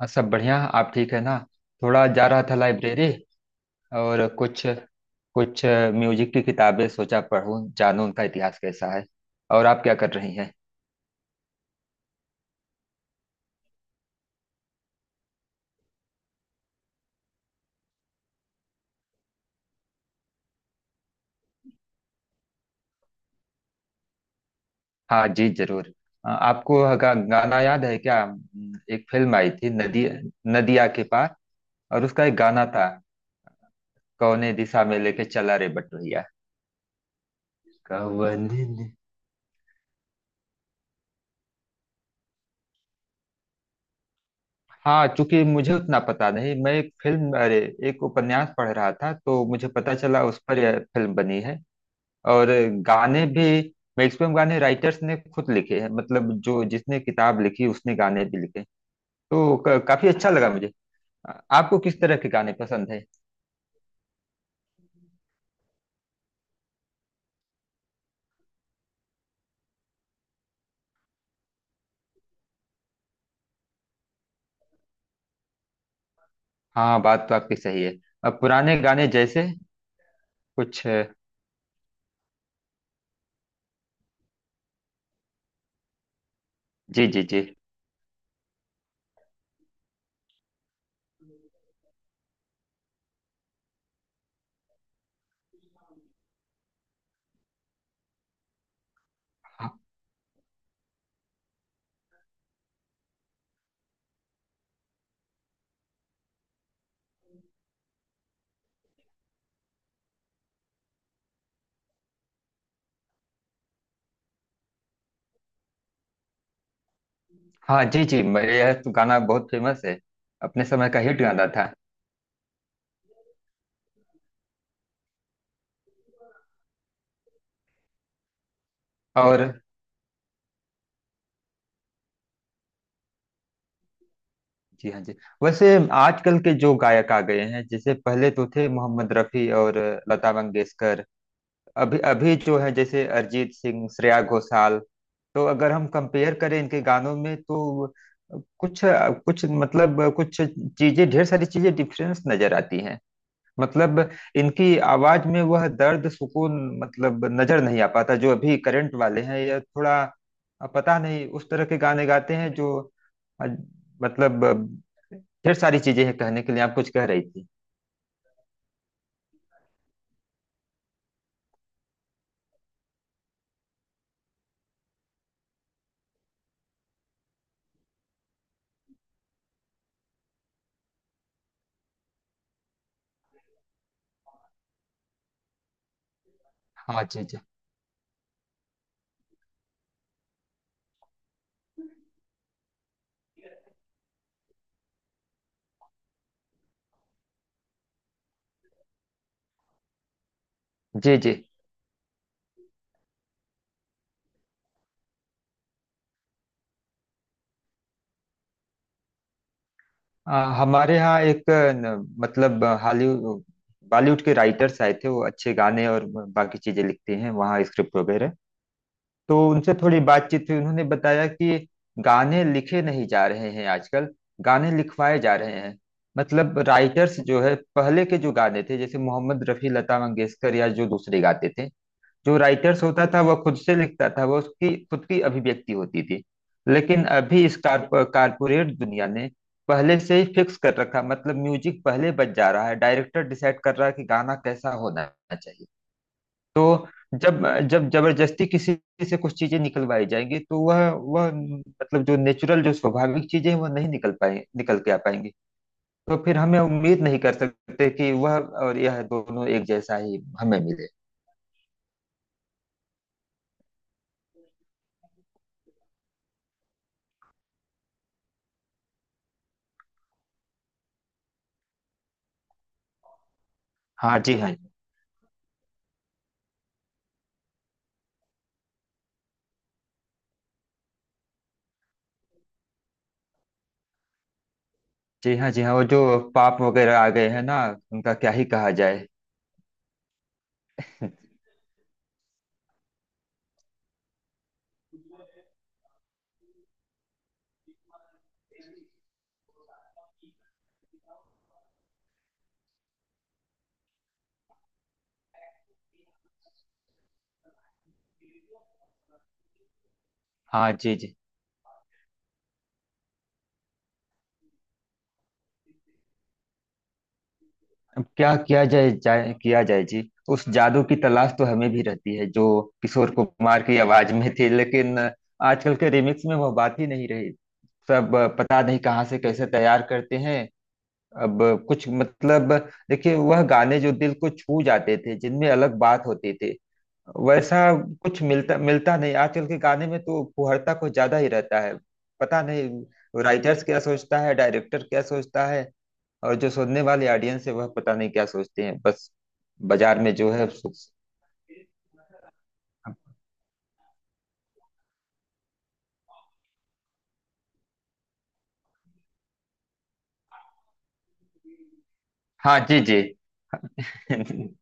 हाँ, सब बढ़िया। आप ठीक है ना। थोड़ा जा रहा था लाइब्रेरी और कुछ कुछ म्यूजिक की किताबें, सोचा पढूं, जानूं उनका इतिहास कैसा है। और आप क्या कर रही हैं। हाँ जी, जरूर। आपको गाना याद है क्या? एक फिल्म आई थी नदी, नदिया के पार, और उसका एक गाना था, कौने दिशा में लेके चला रे बटोहिया। कवन ने- हाँ, चूंकि मुझे उतना पता नहीं। मैं एक फिल्म, अरे एक उपन्यास पढ़ रहा था, तो मुझे पता चला उस पर यह फिल्म बनी है। और गाने भी, मैक्सिमम गाने राइटर्स ने खुद लिखे हैं। मतलब जो जिसने किताब लिखी उसने गाने भी लिखे। तो काफी अच्छा लगा मुझे। आ- आपको किस तरह के गाने पसंद है? हाँ, बात तो आपकी सही है। अब पुराने गाने जैसे, कुछ। जी जी जी। हाँ। हाँ, जी जी। यह तो गाना बहुत फेमस है। अपने समय का हिट गाना था। और जी हाँ जी। वैसे आजकल के जो गायक आ गए हैं, जैसे पहले तो थे मोहम्मद रफी और लता मंगेशकर, अभी अभी जो है जैसे अरिजीत सिंह, श्रेया घोषाल। तो अगर हम कंपेयर करें इनके गानों में, तो कुछ कुछ मतलब कुछ चीजें, ढेर सारी चीजें डिफरेंस नजर आती हैं। मतलब इनकी आवाज में वह दर्द, सुकून, मतलब नजर नहीं आ पाता, जो अभी करंट वाले हैं, या थोड़ा पता नहीं उस तरह के गाने गाते हैं जो अ, मतलब ढेर सारी चीजें हैं कहने के लिए। आप कुछ कह रही थी। हाँ जी जी। जी जी। हमारे यहाँ एक न, मतलब हॉलीवुड बॉलीवुड के राइटर्स आए थे। वो अच्छे गाने और बाकी चीजें लिखते हैं, वहाँ स्क्रिप्ट वगैरह। तो उनसे थोड़ी बातचीत हुई। उन्होंने बताया कि गाने लिखे नहीं जा रहे हैं आजकल, गाने लिखवाए जा रहे हैं। मतलब राइटर्स जो है, पहले के जो गाने थे जैसे मोहम्मद रफ़ी, लता मंगेशकर, या जो दूसरे गाते थे, जो राइटर्स होता था वह खुद से लिखता था, वह उसकी खुद की अभिव्यक्ति होती थी। लेकिन अभी इस कारपोरेट दुनिया ने पहले से ही फिक्स कर रखा। मतलब म्यूजिक पहले बज जा रहा है, डायरेक्टर डिसाइड कर रहा है कि गाना कैसा होना चाहिए। तो जब जब जबरदस्ती किसी से कुछ चीजें निकलवाई जाएंगी, तो वह मतलब जो नेचुरल, जो स्वाभाविक चीजें हैं, वह नहीं निकल के आ पाएंगी। तो फिर हमें उम्मीद नहीं कर सकते कि वह और यह दोनों एक जैसा ही हमें मिले। हाँ जी। हाँ। जी हाँ जी हाँ। वो जो पाप वगैरह आ गए हैं ना, उनका क्या ही कहा जाए। हाँ जी जी। अब क्या किया जाए जी। उस जादू की तलाश तो हमें भी रहती है, जो किशोर कुमार की आवाज में थी। लेकिन आजकल के रिमिक्स में वो बात ही नहीं रही। सब, पता नहीं कहाँ से कैसे तैयार करते हैं। अब कुछ, मतलब देखिए, वह गाने जो दिल को छू जाते थे, जिनमें अलग बात होती थी, वैसा कुछ मिलता मिलता नहीं। आजकल के गाने में तो फुहड़ता कुछ ज्यादा ही रहता है। पता नहीं राइटर्स क्या सोचता है, डायरेक्टर क्या सोचता है, और जो सुनने वाले ऑडियंस है, वह पता नहीं क्या सोचते हैं। बस बाजार में जो है हाँ जी जी।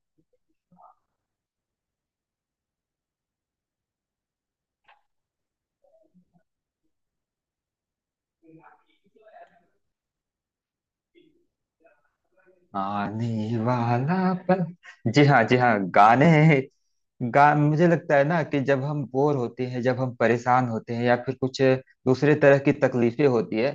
आने वाला पल। जी हाँ जी हाँ। गाने गा मुझे लगता है ना, कि जब हम बोर होते हैं, जब हम परेशान होते हैं, या फिर कुछ दूसरे तरह की तकलीफें होती है,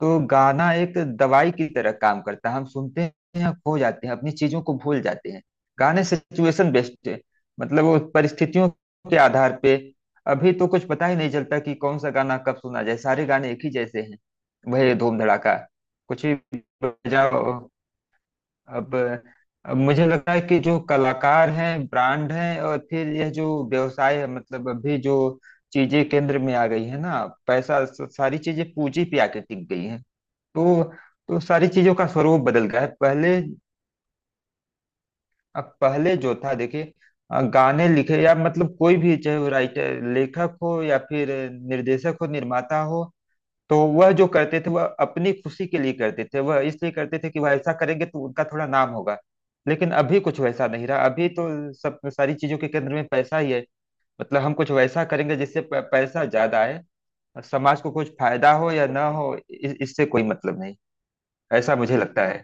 तो गाना एक दवाई की तरह काम करता है। हम सुनते हैं और खो जाते हैं, अपनी चीजों को भूल जाते हैं। गाने सिचुएशन बेस्ड है। मतलब वो परिस्थितियों के आधार पे। अभी तो कुछ पता ही नहीं चलता कि कौन सा गाना कब सुना जाए, सारे गाने एक ही जैसे हैं। वही धूम धड़ाका, कुछ भी बजाओ। अब अब मुझे लगता है कि जो कलाकार हैं, ब्रांड हैं, और फिर यह जो व्यवसाय है, मतलब अभी जो चीजें केंद्र में आ गई है ना, पैसा, सारी चीजें पूंजी पे आके टिक गई हैं। तो तो सारी चीजों का स्वरूप बदल गया है। पहले जो था देखिए, गाने लिखे, या मतलब कोई भी, चाहे वो राइटर, लेखक हो, या फिर निर्देशक हो, निर्माता हो, तो वह जो करते थे वह अपनी खुशी के लिए करते थे। वह इसलिए करते थे कि वह ऐसा करेंगे तो उनका थोड़ा नाम होगा। लेकिन अभी कुछ वैसा नहीं रहा। अभी तो सब, सारी चीजों के केंद्र में पैसा ही है। मतलब हम कुछ वैसा करेंगे जिससे पैसा ज्यादा आए, और समाज को कुछ फायदा हो या ना हो, इससे कोई मतलब नहीं। ऐसा मुझे लगता है।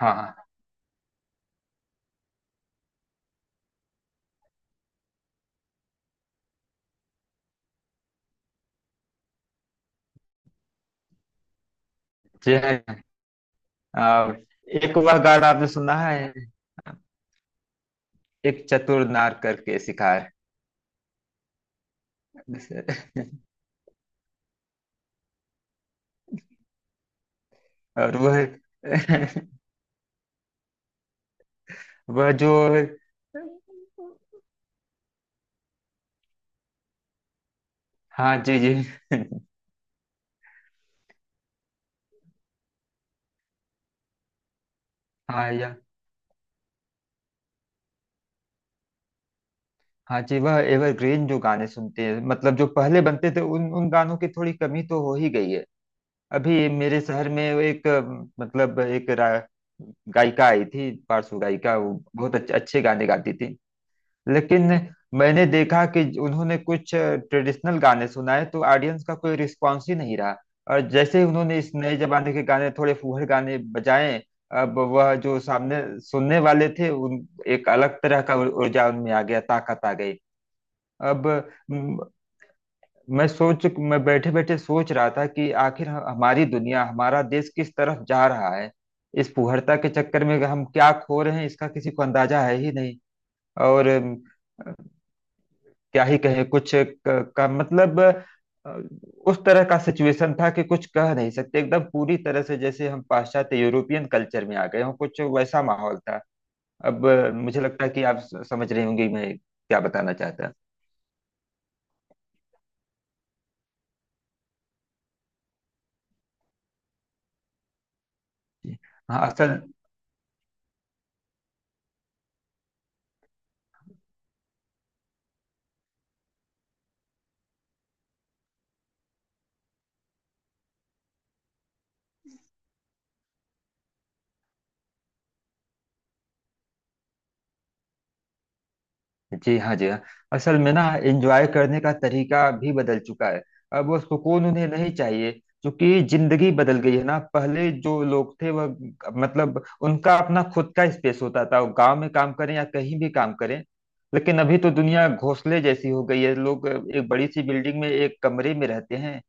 हाँ। हाँ जी है। आ, एक वह गाना आपने सुना है, एक चतुर नार करके शिकार। और वह वह जो। हाँ जी जी। हाँ। या हाँ जी, वह एवरग्रीन जो गाने सुनते हैं, मतलब जो पहले बनते थे, उन उन गानों की थोड़ी कमी तो हो ही गई है। अभी मेरे शहर में वो एक मतलब एक गायिका आई थी, पार्श्व गायिका, वो बहुत अच्छे अच्छे गाने गाती थी। लेकिन मैंने देखा कि उन्होंने कुछ ट्रेडिशनल गाने सुनाए, तो ऑडियंस का कोई रिस्पॉन्स ही नहीं रहा। और जैसे ही उन्होंने इस नए जमाने के गाने, थोड़े फूहड़ गाने बजाए, अब वह जो सामने सुनने वाले थे, उन एक अलग तरह का ऊर्जा उनमें आ गया, ताकत आ गई। अब म, मैं बैठे बैठे सोच रहा था कि आखिर हमारी दुनिया, हमारा देश किस तरफ जा रहा है। इस फूहड़ता के चक्कर में हम क्या खो रहे हैं, इसका किसी को अंदाजा है ही नहीं। और क्या ही कहे, कुछ क- का मतलब अ, उस तरह का सिचुएशन था कि कुछ कह नहीं सकते। एकदम पूरी तरह से जैसे हम पाश्चात्य, यूरोपियन कल्चर में आ गए हों, कुछ वैसा माहौल था। अब मुझे लगता है कि आप समझ रहे होंगे मैं क्या बताना चाहता हूं। हाँ असल जी हाँ, जी हाँ। असल में ना, एंजॉय करने का तरीका भी बदल चुका है। अब वो सुकून उन्हें नहीं चाहिए। क्योंकि जिंदगी बदल गई है ना। पहले जो लोग थे, वह मतलब उनका अपना खुद का स्पेस होता था। वो गांव में काम करें या कहीं भी काम करें, लेकिन अभी तो दुनिया घोंसले जैसी हो गई है। लोग एक बड़ी सी बिल्डिंग में एक कमरे में रहते हैं,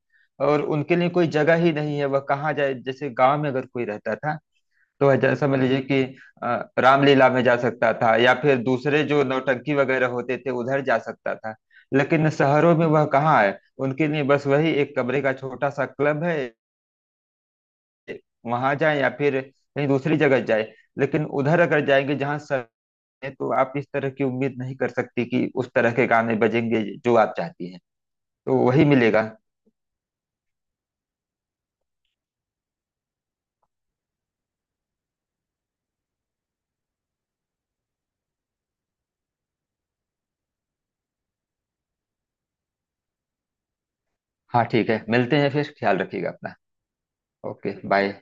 और उनके लिए कोई जगह ही नहीं है। वह कहाँ जाए? जैसे गांव में अगर कोई रहता था, तो है जैसा समझ लीजिए कि रामलीला में जा सकता था, या फिर दूसरे जो नौटंकी वगैरह होते थे उधर जा सकता था। लेकिन शहरों में वह कहाँ है? उनके लिए बस वही एक कमरे का छोटा सा क्लब है। वहां जाए, या फिर कहीं दूसरी जगह जाए। लेकिन उधर अगर जाएंगे जहाँ सर है, तो आप इस तरह की उम्मीद नहीं कर सकती कि उस तरह के गाने बजेंगे जो आप चाहती हैं। तो वही मिलेगा। हाँ ठीक है, मिलते हैं फिर। ख्याल रखिएगा अपना। Okay bye.